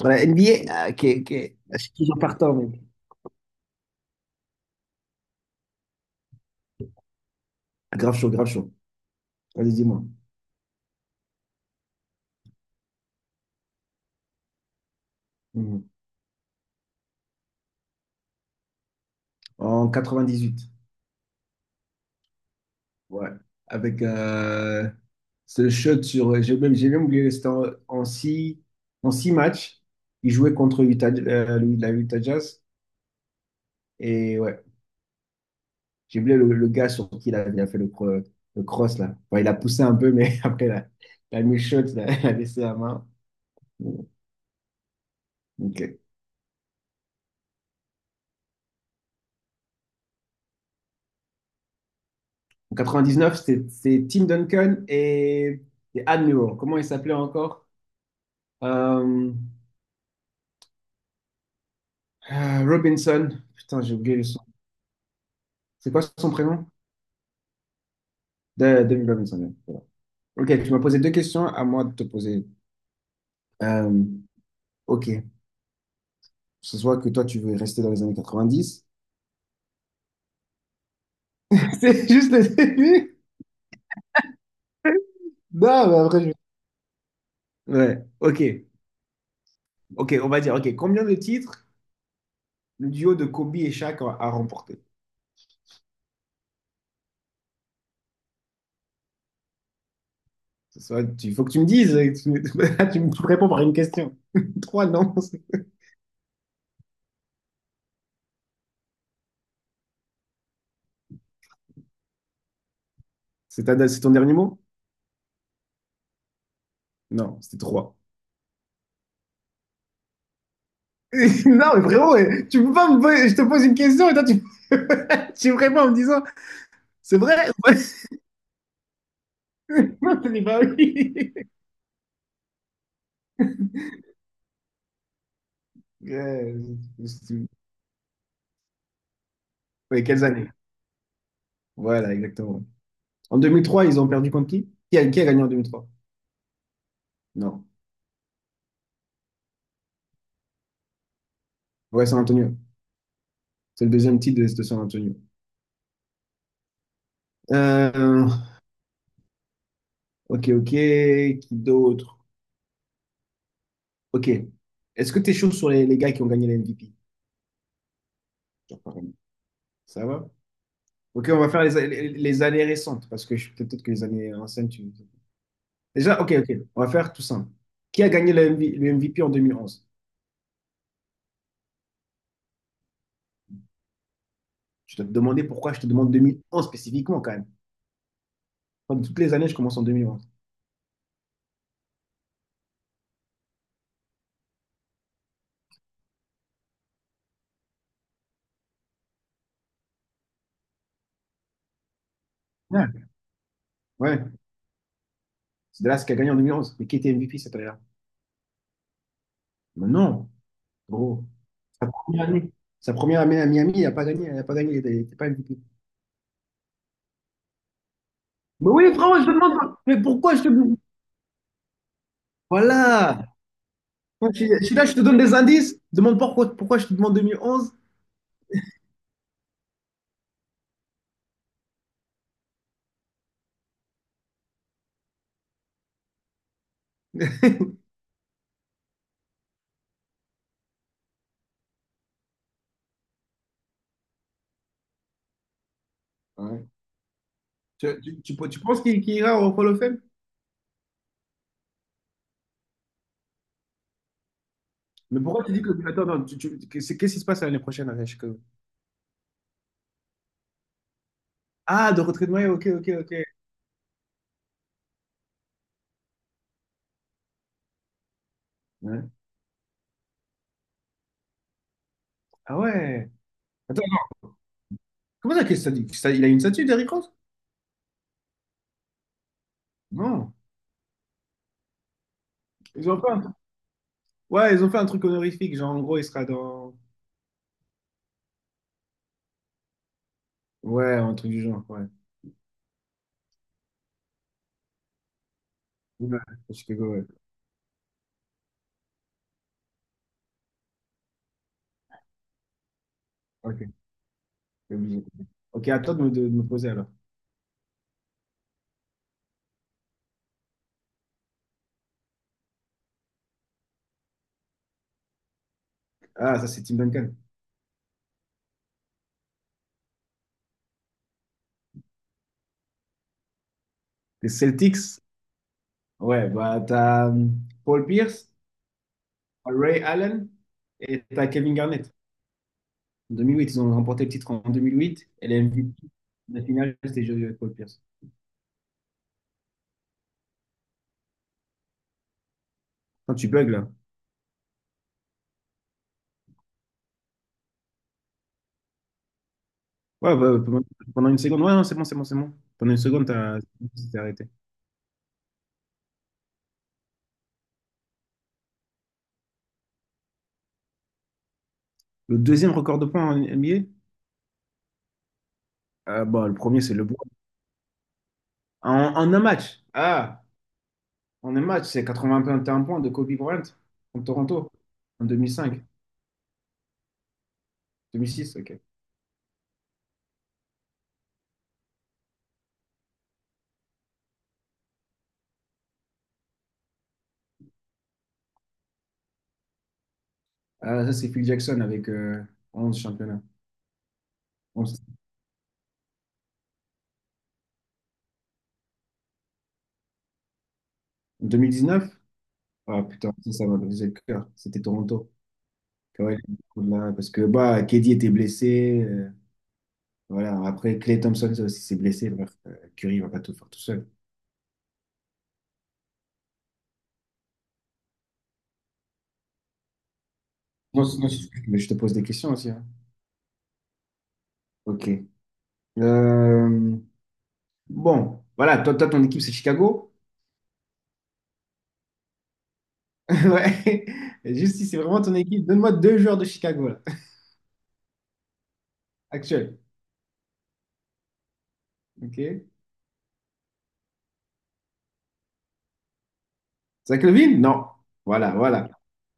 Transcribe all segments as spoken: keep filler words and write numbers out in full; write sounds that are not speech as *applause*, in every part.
Voilà, N B A, ah, ok, ok. Ah, Je suis toujours partant, mec. Ah, grave chaud, grave chaud. Allez, dis-moi. Mhm. En quatre-vingt-dix-huit. Ouais. Avec euh, ce shot sur. euh, J'ai même, j'ai même oublié, c'était en, en six, en six matchs. Il jouait contre Utah, euh, la Utah Jazz. Et ouais, j'ai oublié le, le gars sur qui il a, il a fait le, cro- le cross, là. Enfin, il a poussé un peu, mais *laughs* après, il a, il a mis le shot, il a, il a laissé la main. Bon. Ok. En quatre-vingt-dix-neuf, c'est c'est Tim Duncan et, et Admiral. Comment il s'appelait encore? Euh, euh, Robinson. Putain, j'ai oublié le son. C'est quoi son prénom? De, David Robinson. Ouais, voilà. Ok, tu m'as posé deux questions, à moi de te poser. Euh, ok, ce soit que toi, tu veux rester dans les années quatre-vingt-dix. *laughs* C'est juste le début? Non, mais après, je... ouais, ok. Ok, on va dire, ok, combien de titres le duo de Kobe et Shaq a, a remporté? Ce soit- Il faut que tu me dises. *laughs* Tu me réponds par une question. *laughs* Trois, non. C'est ta- c'est ton dernier mot? Non, c'était trois. *laughs* Non, mais frérot, eh, tu peux pas me poser- Je te pose une question et toi, tu, *laughs* tu me réponds en me disant, c'est vrai? *laughs* Non, t'as dit pas oui. *laughs* Euh, c'est- ouais, quelles années? Voilà, exactement. En deux mille trois ils ont perdu contre qui? Qui a, qui a gagné en deux mille trois. Non. Ouais, San Antonio. C'est le deuxième titre de, de San Antonio. Euh, ok, ok. Qui d'autre? Ok. Est-ce que tu es chaud sur les, les gars qui ont gagné la M V P? Par exemple. Ça va? Ok, on va faire les, les- les années récentes, parce que je- peut-être que les années anciennes, tu... Déjà, ok, ok, on va faire tout simple. Qui a gagné le, M V le M V P en deux mille onze? Je dois te demander pourquoi je te demande deux mille onze spécifiquement, quand même. Enfin, toutes les années, je commence en deux mille onze. Ouais, ouais. C'est de là ce qui a gagné en deux mille onze. Mais qui était M V P cette année-là? Mais non, gros. Sa première année, sa première année à Miami, il n'a pas gagné, il n'a pas gagné, il n'était pas M V P. Mais oui, frérot, je te demande, mais pourquoi je te demande? Voilà! Moi, je suis je suis là, je te donne des indices. Demande pas pourquoi, pourquoi je te demande deux mille onze. Ouais. *laughs* Tu, tu- tu- tu penses qu'il qu'il ira au Hall of Fame? Mais pourquoi tu dis que... Attends, attends, tu- tu- que- c'est- qu'est-ce qui se passe l'année prochaine avec Chicago? Ah, de retrait de maillot, ok, ok, ok. Ouais. Ah ouais. Attends, attends, comment ça, qu'est-ce que ça dit? Ça- il a une statue, Derrick Rose? Non. Ils ont fait un... Ouais, ils ont fait un truc honorifique, genre en gros, il sera dans... Ouais, un truc du genre, ouais. Ouais, à Chicago, ouais. Ok, c'est obligé. Ok, à toi de me, de me poser alors. Ah, ça c'est Tim Duncan. Les Celtics. Ouais, bah, t'as euh, Paul Pierce, Ray Allen et t'as Kevin Garnett. En deux mille huit, ils ont remporté le titre en deux mille huit et les M V P de la finale, c'était joué Paul Pierce. Quand tu bugs là. Ouais, bah, pendant pendant une seconde. Ouais, non, c'est bon, c'est bon, c'est bon. Pendant une seconde, t'as t'es arrêté. Le deuxième record de points en N B A, euh, bah, le premier, c'est LeBron. En, en un match. Ah, en un match, c'est quatre-vingt-un points de Kobe Bryant contre Toronto en deux deux mille cinq, deux mille six. Ok. Ah, ça, c'est Phil Jackson avec euh, onze championnats. deux mille dix-neuf? Ah putain, ça ça m'a brisé le cœur. C'était Toronto. Ouais, là, parce que bah, K D était blessé. Euh, voilà. Après, Clay Thompson ça aussi s'est blessé. Bref, euh, Curry va pas tout faire tout seul. Non, c'est- non, c'est- Mais je te pose des questions aussi, hein. Ok. Euh, bon, voilà. Toi, toi, ton équipe, c'est Chicago. *laughs* Ouais. Juste si c'est vraiment ton équipe, donne-moi deux joueurs de Chicago, là. Actuels. Ok. Zach Levine? Non. Voilà, voilà.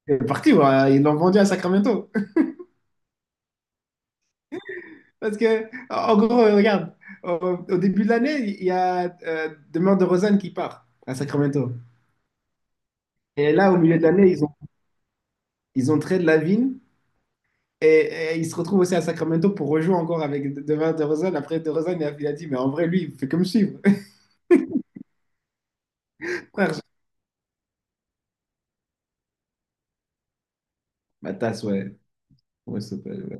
C'est parti, voilà. Ils l'ont vendu à Sacramento. Parce que, en gros, euh, regarde, au, au début de l'année, il y a euh, Demar DeRozan qui part à Sacramento. Et là, au milieu de l'année, ils ont, ils ont trade Lavine et, et ils se retrouvent aussi à Sacramento pour rejouer encore avec De- Demar DeRozan. Après, DeRozan, il a, il a dit, mais en vrai, lui, il fait comme suivre. *laughs* Frère, je- ma tasse, ouais. Ouais, ça peut- ouais.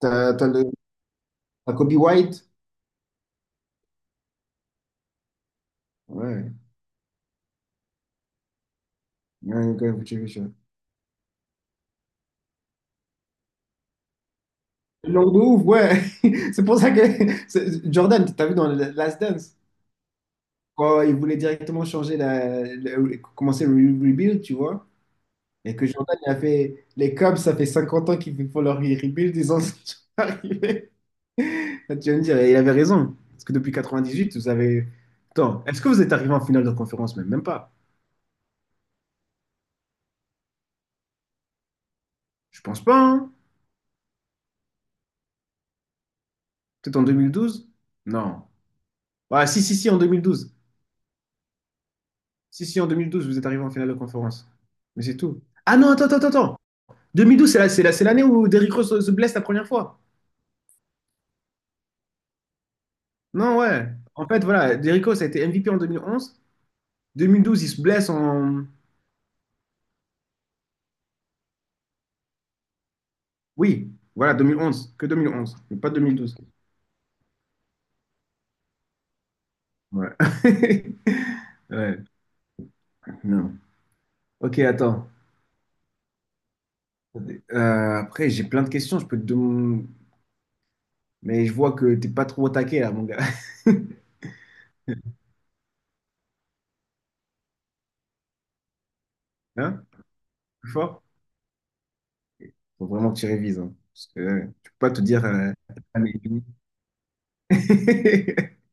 T'as t'as le- T'as Kobe White? Ouais. Ouais, ok, faut checker ça. Langue de ouf, ouais. *laughs* C'est pour ça que c'est- Jordan, t'as vu dans le Last Dance? Quand ils voulaient directement changer la, la- commencer le re- rebuild, tu vois, et que Jordan il a fait les Cubs, ça fait cinquante ans qu'ils font leur re- rebuild, ils en sont *laughs* arrivés. Là, Tu vas me dire, et il avait raison, parce que depuis quatre-vingt-dix-huit, vous avez. Attends, est-ce que vous êtes arrivé en finale de conférence? Même, même pas. Je pense pas, hein. Peut-être en deux mille douze? Non. Ah, si, si, si, en deux mille douze. Si, si, en deux mille douze, vous êtes arrivé en finale de conférence. Mais c'est tout. Ah non, attends, attends, attends, attends. deux mille douze, c'est la- c'est la- c'est l'année où Derrick Rose se se blesse la première fois. Non, ouais. En fait, voilà, Jericho, ça a été M V P en deux mille onze. deux mille douze, il se blesse en... Oui, voilà, deux mille onze. Que deux mille onze, mais pas deux mille douze. Ouais. *laughs* Ouais, non. Ok, attends. Euh, après, j'ai plein de questions. Je peux te demander... Mais je vois que t'es pas trop au taquet, là, mon gars. *laughs* Hein? Plus fort? Faut vraiment que tu révises, hein. Parce que euh, je peux pas te dire... euh, Ah, mais- *laughs*